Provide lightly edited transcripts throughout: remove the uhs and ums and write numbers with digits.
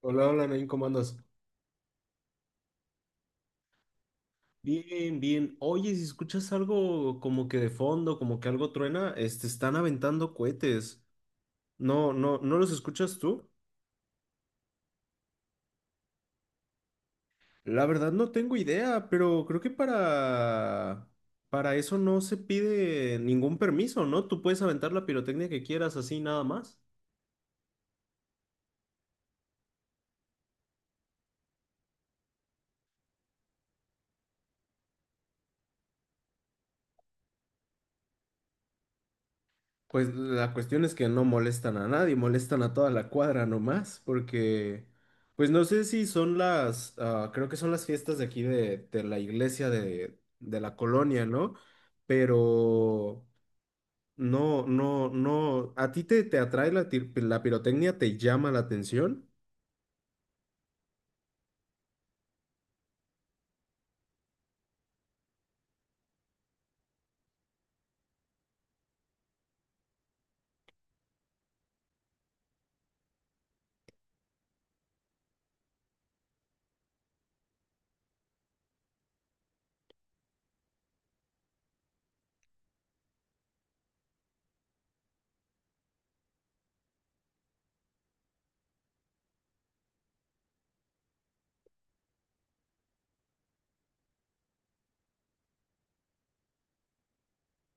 Hola, hola, Nain, ¿cómo andas? Bien, bien. Oye, si escuchas algo como que de fondo, como que algo truena, están aventando cohetes. No, no, ¿no los escuchas tú? La verdad no tengo idea, pero creo que para eso no se pide ningún permiso, ¿no? Tú puedes aventar la pirotecnia que quieras así nada más. Pues la cuestión es que no molestan a nadie, molestan a toda la cuadra nomás, porque, pues no sé si son las, ah, creo que son las fiestas de aquí de la iglesia de la colonia, ¿no? Pero no, no, no, ¿a ti te atrae la, la pirotecnia? ¿Te llama la atención?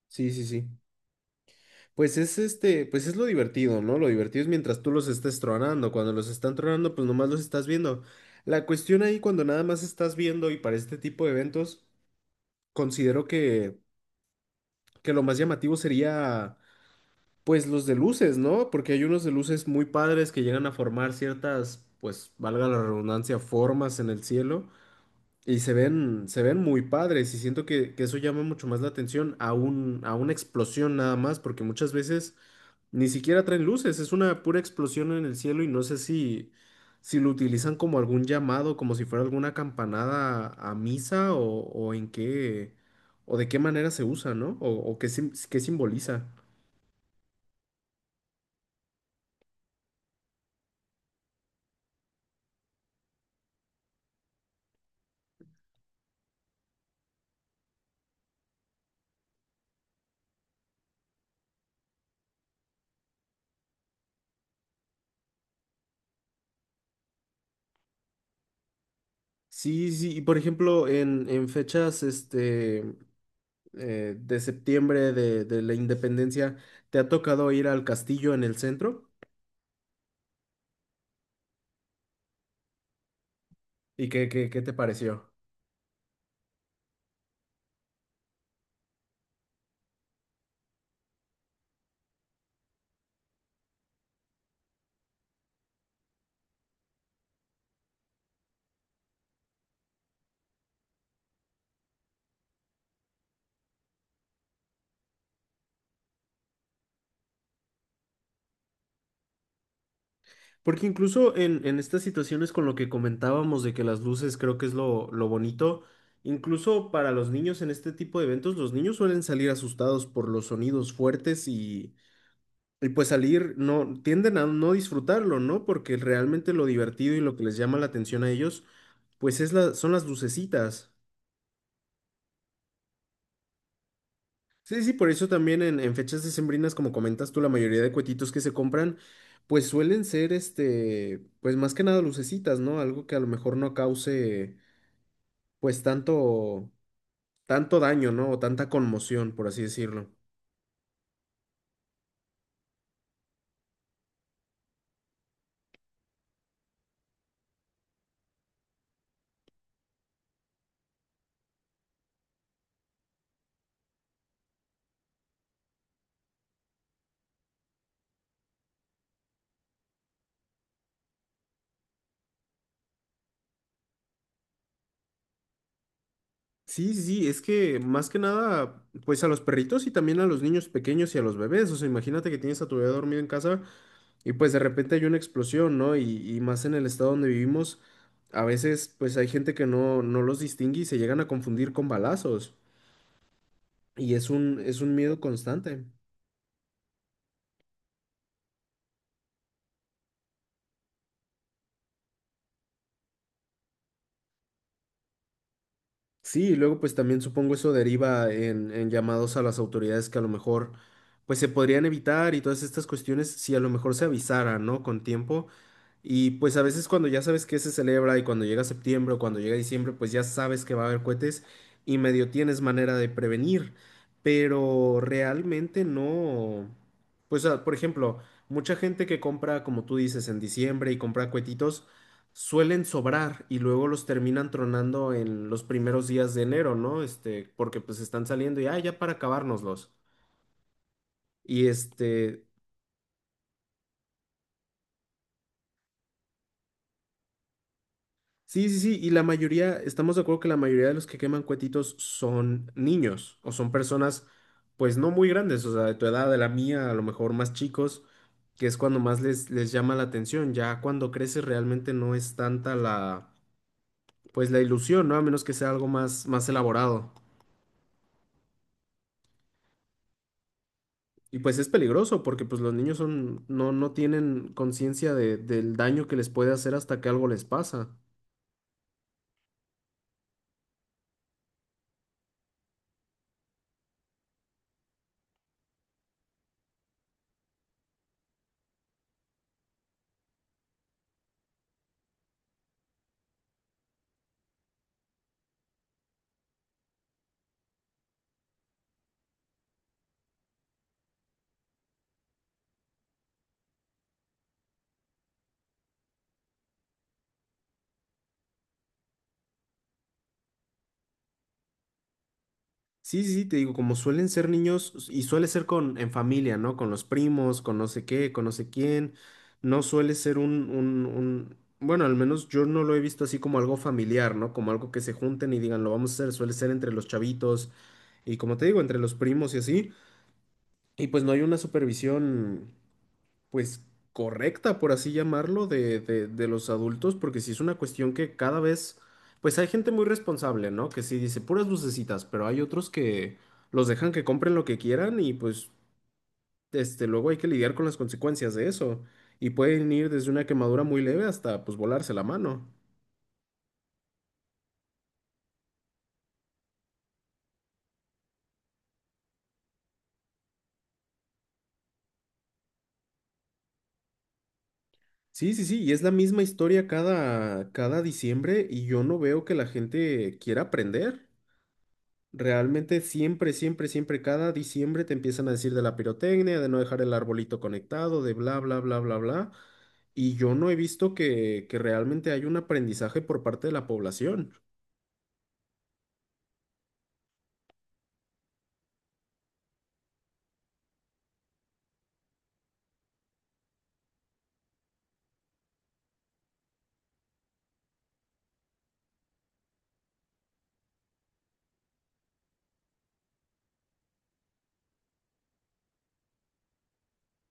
Sí, sí, sí. Pues es este, pues es lo divertido, ¿no? Lo divertido es mientras tú los estés tronando. Cuando los están tronando, pues nomás los estás viendo. La cuestión ahí, cuando nada más estás viendo y para este tipo de eventos, considero que lo más llamativo sería, pues, los de luces, ¿no? Porque hay unos de luces muy padres que llegan a formar ciertas, pues, valga la redundancia, formas en el cielo y se ven muy padres y siento que eso llama mucho más la atención a un, a una explosión nada más, porque muchas veces... Ni siquiera traen luces, es una pura explosión en el cielo y no sé si, si lo utilizan como algún llamado, como si fuera alguna campanada a misa o en qué, o de qué manera se usa, ¿no? O qué, qué simboliza. Sí, sí, y por ejemplo, en fechas de septiembre de la independencia, ¿te ha tocado ir al castillo en el centro? ¿Y qué, qué, qué te pareció? Porque incluso en estas situaciones con lo que comentábamos de que las luces creo que es lo bonito, incluso para los niños en este tipo de eventos, los niños suelen salir asustados por los sonidos fuertes y pues salir, no, tienden a no disfrutarlo, ¿no? Porque realmente lo divertido y lo que les llama la atención a ellos, pues es la, son las lucecitas. Sí, sí, por eso también en fechas decembrinas, como comentas tú, la mayoría de cuetitos que se compran, pues suelen ser, este, pues más que nada lucecitas, ¿no? Algo que a lo mejor no cause, pues tanto, tanto daño, ¿no? O tanta conmoción, por así decirlo. Sí, sí, sí, es que más que nada, pues a los perritos y también a los niños pequeños y a los bebés, o sea, imagínate que tienes a tu bebé dormido en casa, y pues de repente hay una explosión, ¿no? Y más en el estado donde vivimos, a veces pues hay gente que no, no los distingue y se llegan a confundir con balazos. Y es un miedo constante. Sí, y luego pues también supongo eso deriva en llamados a las autoridades que a lo mejor pues se podrían evitar y todas estas cuestiones si a lo mejor se avisaran, ¿no? Con tiempo. Y pues a veces cuando ya sabes que se celebra y cuando llega septiembre o cuando llega diciembre, pues ya sabes que va a haber cohetes y medio tienes manera de prevenir, pero realmente no. Pues ah, por ejemplo, mucha gente que compra, como tú dices, en diciembre y compra cohetitos, suelen sobrar y luego los terminan tronando en los primeros días de enero, ¿no? Este, porque pues están saliendo y, ah, ya para acabárnoslos. Y este, sí, sí, sí, y la mayoría, estamos de acuerdo que la mayoría de los que queman cuetitos son niños o son personas pues no muy grandes, o sea, de tu edad, de la mía, a lo mejor más chicos, que es cuando más les, les llama la atención, ya cuando creces realmente no es tanta la pues la ilusión, ¿no? A menos que sea algo más, más elaborado. Y pues es peligroso porque pues los niños son, no, no tienen conciencia de- del daño que les puede hacer hasta que algo les pasa. Sí, sí, sí, te digo, como suelen ser niños y suele ser con en familia, ¿no? Con los primos, con no sé qué, con no sé quién. No suele ser bueno, al menos yo no lo he visto así como algo familiar, ¿no? Como algo que se junten y digan, lo vamos a hacer. Suele ser entre los chavitos y como te digo, entre los primos y así. Y pues no hay una supervisión pues correcta, por así llamarlo, de los adultos, porque sí es una cuestión que cada vez, pues hay gente muy responsable, ¿no? Que sí dice puras lucecitas, pero hay otros que los dejan que compren lo que quieran y pues este, luego hay que lidiar con las consecuencias de eso. Y pueden ir desde una quemadura muy leve hasta pues volarse la mano. Sí, sí, sí, y es la misma historia cada, cada diciembre y yo no veo que la gente quiera aprender. Realmente siempre, siempre, siempre, cada diciembre te empiezan a decir de la pirotecnia, de no dejar el arbolito conectado, de bla, bla, bla, bla, bla. Y yo no he visto que realmente hay un aprendizaje por parte de la población.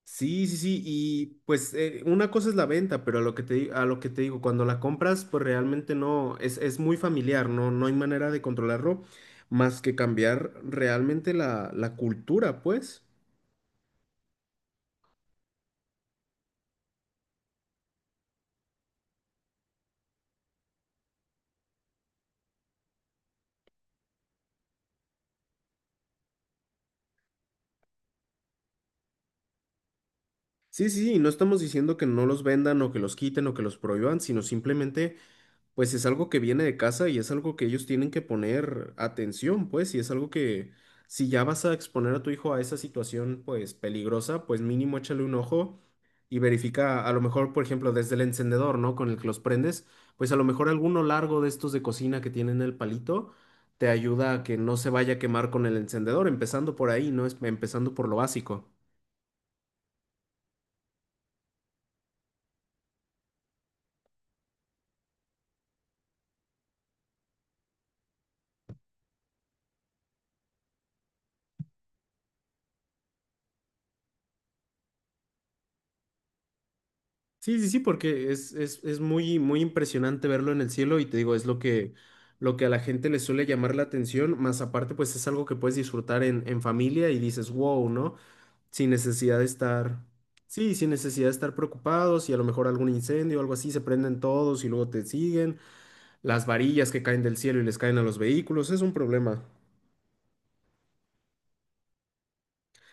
Sí, sí, sí. Y pues una cosa es la venta, pero a lo que te, a lo que te digo, cuando la compras, pues realmente no, es muy familiar, no, no hay manera de controlarlo más que cambiar realmente la, la cultura, pues. Sí, sí, sí, no estamos diciendo que no los vendan o que los quiten o que los prohíban, sino simplemente, pues es algo que viene de casa y es algo que ellos tienen que poner atención, pues, y es algo que si ya vas a exponer a tu hijo a esa situación, pues, peligrosa, pues mínimo échale un ojo y verifica, a lo mejor, por ejemplo, desde el encendedor, ¿no? Con el que los prendes, pues a lo mejor alguno largo de estos de cocina que tienen el palito te ayuda a que no se vaya a quemar con el encendedor, empezando por ahí, ¿no? Empezando por lo básico. Sí, sí, sí, porque es muy, muy impresionante verlo en el cielo y te digo, es lo que a la gente le suele llamar la atención, más aparte pues es algo que puedes disfrutar en familia y dices, wow, ¿no? Sin necesidad de estar, sí, sin necesidad de estar preocupados y a lo mejor algún incendio o algo así, se prenden todos y luego te siguen, las varillas que caen del cielo y les caen a los vehículos, es un problema.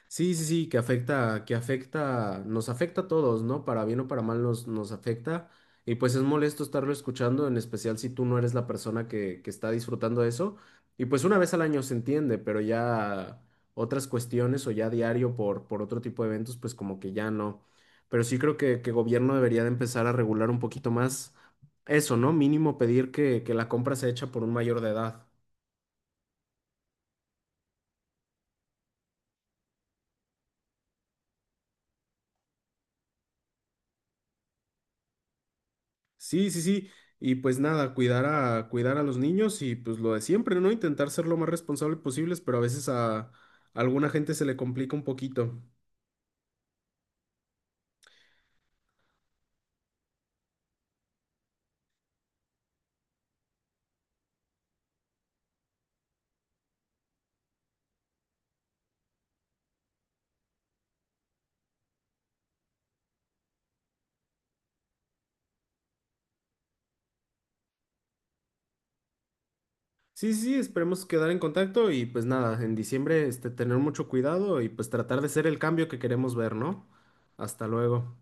Sí, sí, sí, que afecta, nos afecta a todos, ¿no? Para bien o para mal nos, nos afecta. Y pues es molesto estarlo escuchando, en especial si tú no eres la persona que está disfrutando de eso. Y pues una vez al año se entiende, pero ya otras cuestiones o ya diario por otro tipo de eventos, pues como que ya no. Pero sí creo que gobierno debería de empezar a regular un poquito más eso, ¿no? Mínimo pedir que la compra sea hecha por un mayor de edad. Sí, sí, sí. Y pues nada, cuidar a, cuidar a los niños y pues lo de siempre, ¿no? Intentar ser lo más responsable posibles, pero a veces a alguna gente se le complica un poquito. Sí, sí, sí, esperemos quedar en contacto y pues nada, en diciembre este, tener mucho cuidado y pues tratar de ser el cambio que queremos ver, ¿no? Hasta luego.